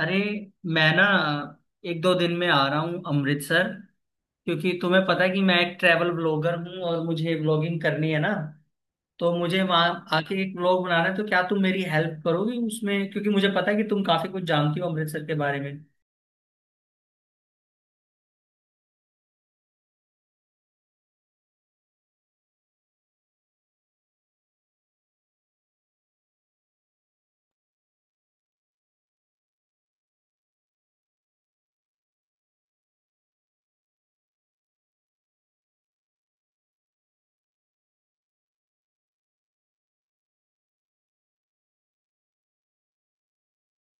अरे, मैं ना एक दो दिन में आ रहा हूँ अमृतसर। क्योंकि तुम्हें पता है कि मैं एक ट्रैवल ब्लॉगर हूँ और मुझे ब्लॉगिंग करनी है ना, तो मुझे वहाँ आके एक ब्लॉग बनाना है। तो क्या तुम मेरी हेल्प करोगी उसमें? क्योंकि मुझे पता है कि तुम काफी कुछ जानती हो अमृतसर के बारे में।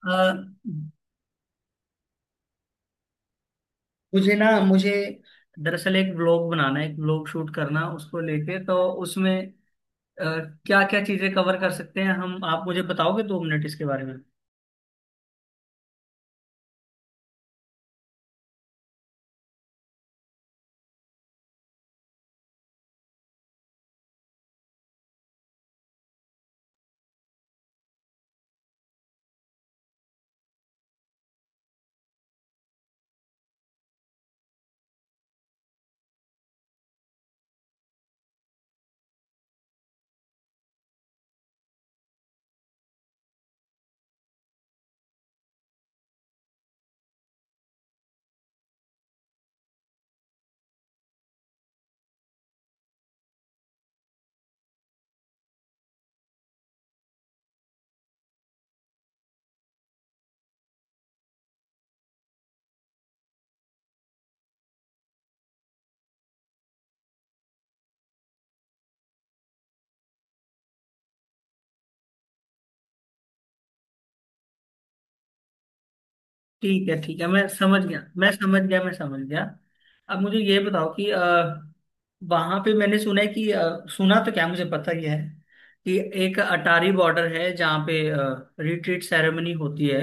अ, मुझे दरअसल एक ब्लॉग बनाना है, एक ब्लॉग शूट करना उसको लेके। तो उसमें क्या क्या चीजें कवर कर सकते हैं हम? आप मुझे बताओगे 2 मिनट इसके बारे में। ठीक है, ठीक है, मैं समझ गया, मैं समझ गया, मैं समझ गया। अब मुझे ये बताओ कि वहां पे मैंने सुना है कि सुना तो क्या, मुझे पता ही है कि एक अटारी बॉर्डर है जहाँ पे रिट्रीट सेरेमनी होती है।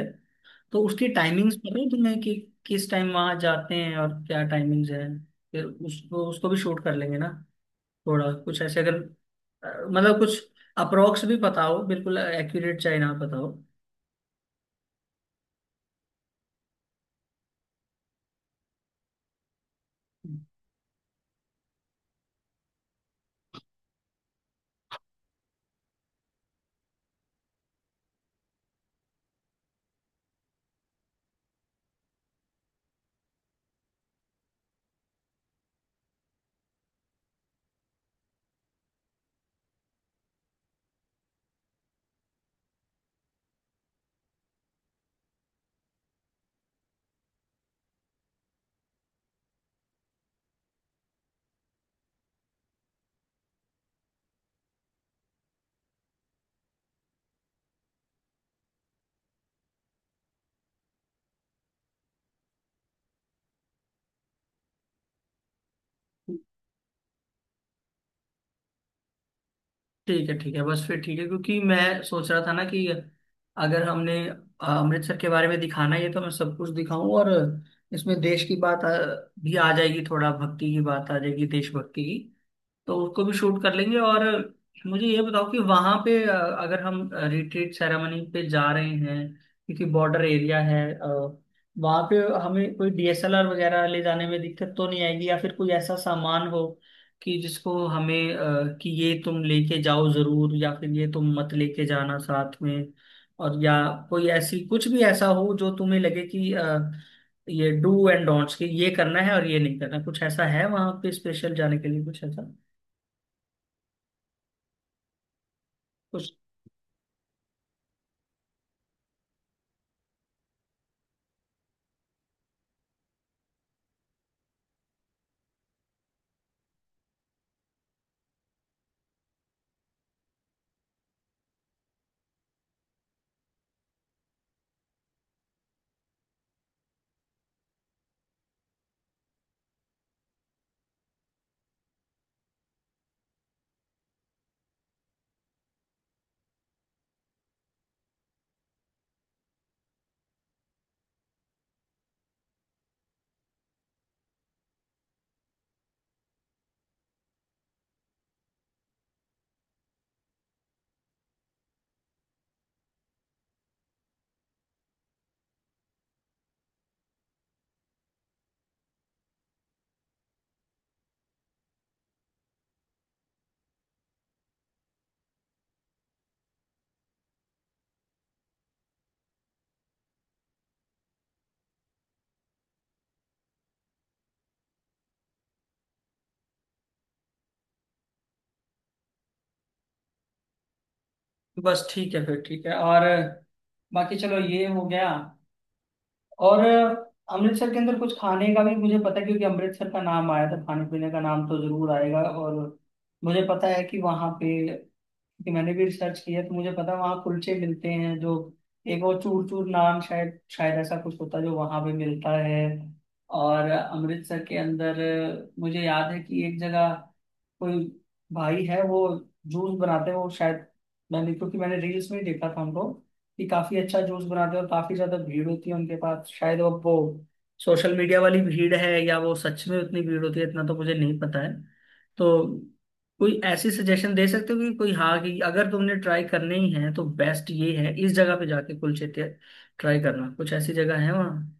तो उसकी टाइमिंग्स पता है तुम्हें कि किस टाइम वहां जाते हैं और क्या टाइमिंग्स है? फिर उसको उसको भी शूट कर लेंगे ना। थोड़ा कुछ ऐसे अगर मतलब कुछ अप्रोक्स भी पता हो, बिल्कुल एक्यूरेट चाहे ना पता हो। ठीक है, ठीक है, बस फिर ठीक है। क्योंकि मैं सोच रहा था ना कि अगर हमने अमृतसर के बारे में दिखाना ही है तो मैं सब कुछ दिखाऊं, और इसमें देश की बात भी आ जाएगी, थोड़ा भक्ति की बात आ जाएगी, देशभक्ति की। तो उसको भी शूट कर लेंगे। और मुझे ये बताओ कि वहां पे अगर हम रिट्रीट सेरेमनी पे जा रहे हैं, क्योंकि बॉर्डर एरिया है, वहां पे हमें कोई डीएसएलआर वगैरह ले जाने में दिक्कत तो नहीं आएगी? या फिर कोई ऐसा सामान हो कि जिसको हमें कि ये तुम लेके जाओ जरूर, या फिर ये तुम मत लेके जाना साथ में। और या कोई ऐसी, कुछ भी ऐसा हो जो तुम्हें लगे कि ये डू एंड डोंट्स, कि ये करना है और ये नहीं करना, कुछ ऐसा है वहां पे स्पेशल जाने के लिए, कुछ ऐसा? उस बस ठीक है, फिर ठीक है। और बाकी चलो ये हो गया। और अमृतसर के अंदर कुछ खाने का भी मुझे पता है, क्योंकि अमृतसर का नाम आया था, खाने पीने का नाम तो जरूर आएगा। और मुझे पता है कि वहाँ पे, कि मैंने भी रिसर्च किया तो मुझे पता, वहाँ कुलचे मिलते हैं जो, एक वो चूर चूर नाम शायद शायद ऐसा कुछ होता है जो वहाँ पे मिलता है। और अमृतसर के अंदर मुझे याद है कि एक जगह कोई भाई है, वो जूस बनाते हैं वो। शायद, मैंने क्योंकि मैंने रील्स में ही देखा था उनको, कि काफी अच्छा जूस बनाते हैं और काफी ज्यादा भीड़ होती है उनके पास। शायद वो सोशल मीडिया वाली भीड़ है, या वो सच में उतनी भीड़ होती है, इतना तो मुझे नहीं पता है। तो कोई ऐसी सजेशन दे सकते हो कि कोई, हाँ, कि अगर तुमने ट्राई करने ही है तो बेस्ट ये है इस जगह पे जाके कुलचे ट्राई करना, कुछ ऐसी जगह है वहाँ?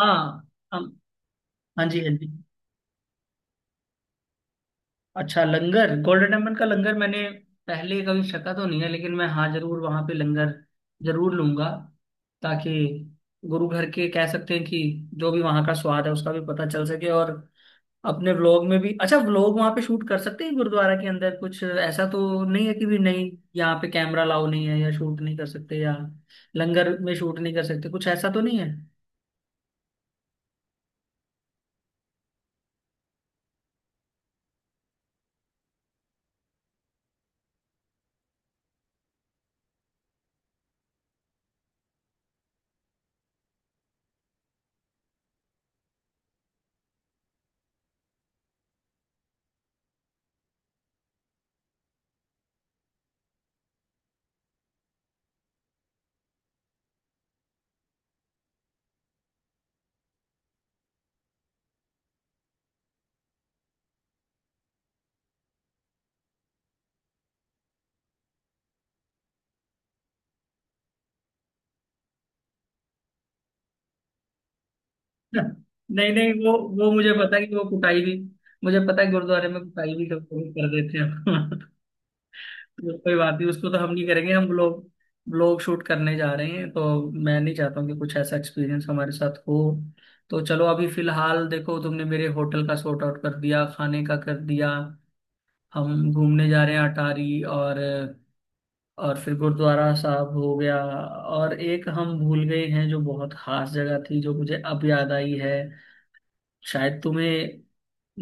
हाँ। हम- हाँ जी, हाँ जी। अच्छा, लंगर। गोल्डन टेम्पल का लंगर मैंने पहले कभी छका तो नहीं है, लेकिन मैं, हाँ, जरूर वहाँ पे लंगर जरूर लूंगा, ताकि गुरु घर के, कह सकते हैं कि, जो भी वहाँ का स्वाद है उसका भी पता चल सके। और अपने व्लॉग में भी अच्छा व्लॉग वहां पे शूट कर सकते हैं। गुरुद्वारा के अंदर कुछ ऐसा तो नहीं है कि, भी नहीं, यहाँ पे कैमरा लाओ नहीं है, या शूट नहीं कर सकते, या लंगर में शूट नहीं कर सकते, कुछ ऐसा तो नहीं है? नहीं नहीं, वो मुझे पता है कि वो कुटाई भी, मुझे पता है गुरुद्वारे में कुटाई भी कर देते हैं। तो कोई बात नहीं, उसको तो हम नहीं करेंगे। हम लोग ब्लॉग शूट करने जा रहे हैं तो मैं नहीं चाहता हूँ कि कुछ ऐसा एक्सपीरियंस हमारे साथ हो। तो चलो, अभी फिलहाल देखो, तुमने मेरे होटल का सॉर्ट आउट कर दिया, खाने का कर दिया, हम घूमने जा रहे हैं अटारी, और फिर गुरुद्वारा साहब हो गया। और एक हम भूल गए हैं जो बहुत खास जगह थी, जो मुझे अब याद आई है, शायद तुम्हें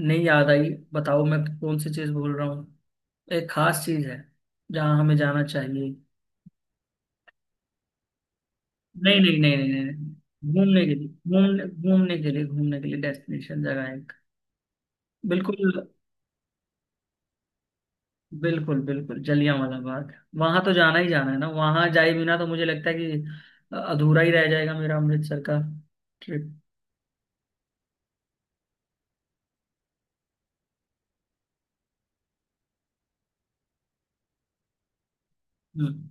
नहीं याद आई। बताओ मैं कौन सी चीज़ भूल रहा हूँ? एक खास चीज़ है जहाँ हमें जाना चाहिए। नहीं नहीं नहीं नहीं नहीं नहीं। घूमने के लिए घूमने घूमने के लिए डेस्टिनेशन जगह है एक। बिल्कुल। बिल्कुल बिल्कुल जलियांवाला बाग। वहां तो जाना ही जाना है ना, वहां जाए बिना तो मुझे लगता है कि अधूरा ही रह जाएगा मेरा अमृतसर का ट्रिप। हम्म।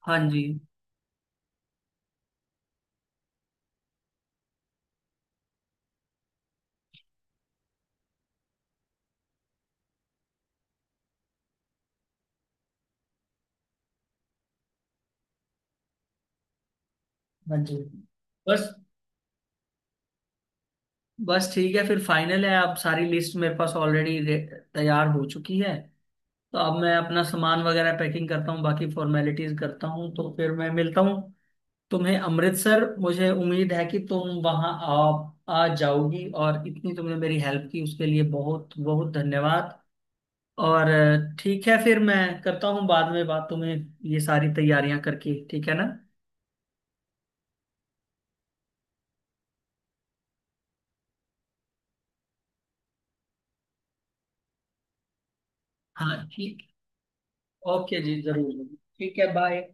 हाँ जी, हाँ जी। बस, बस ठीक है, फिर फाइनल है। अब सारी लिस्ट मेरे पास ऑलरेडी तैयार हो चुकी है। तो अब मैं अपना सामान वगैरह पैकिंग करता हूँ, बाकी फॉर्मेलिटीज करता हूँ, तो फिर मैं मिलता हूँ तुम्हें अमृतसर। मुझे उम्मीद है कि तुम वहाँ आ आ जाओगी, और इतनी तुमने मेरी हेल्प की उसके लिए बहुत बहुत धन्यवाद। और ठीक है फिर, मैं करता हूँ बाद में बात तुम्हें, ये सारी तैयारियां करके, ठीक है ना? हाँ, ठीक। ओके जी, जरूर जरूर। ठीक है, बाय।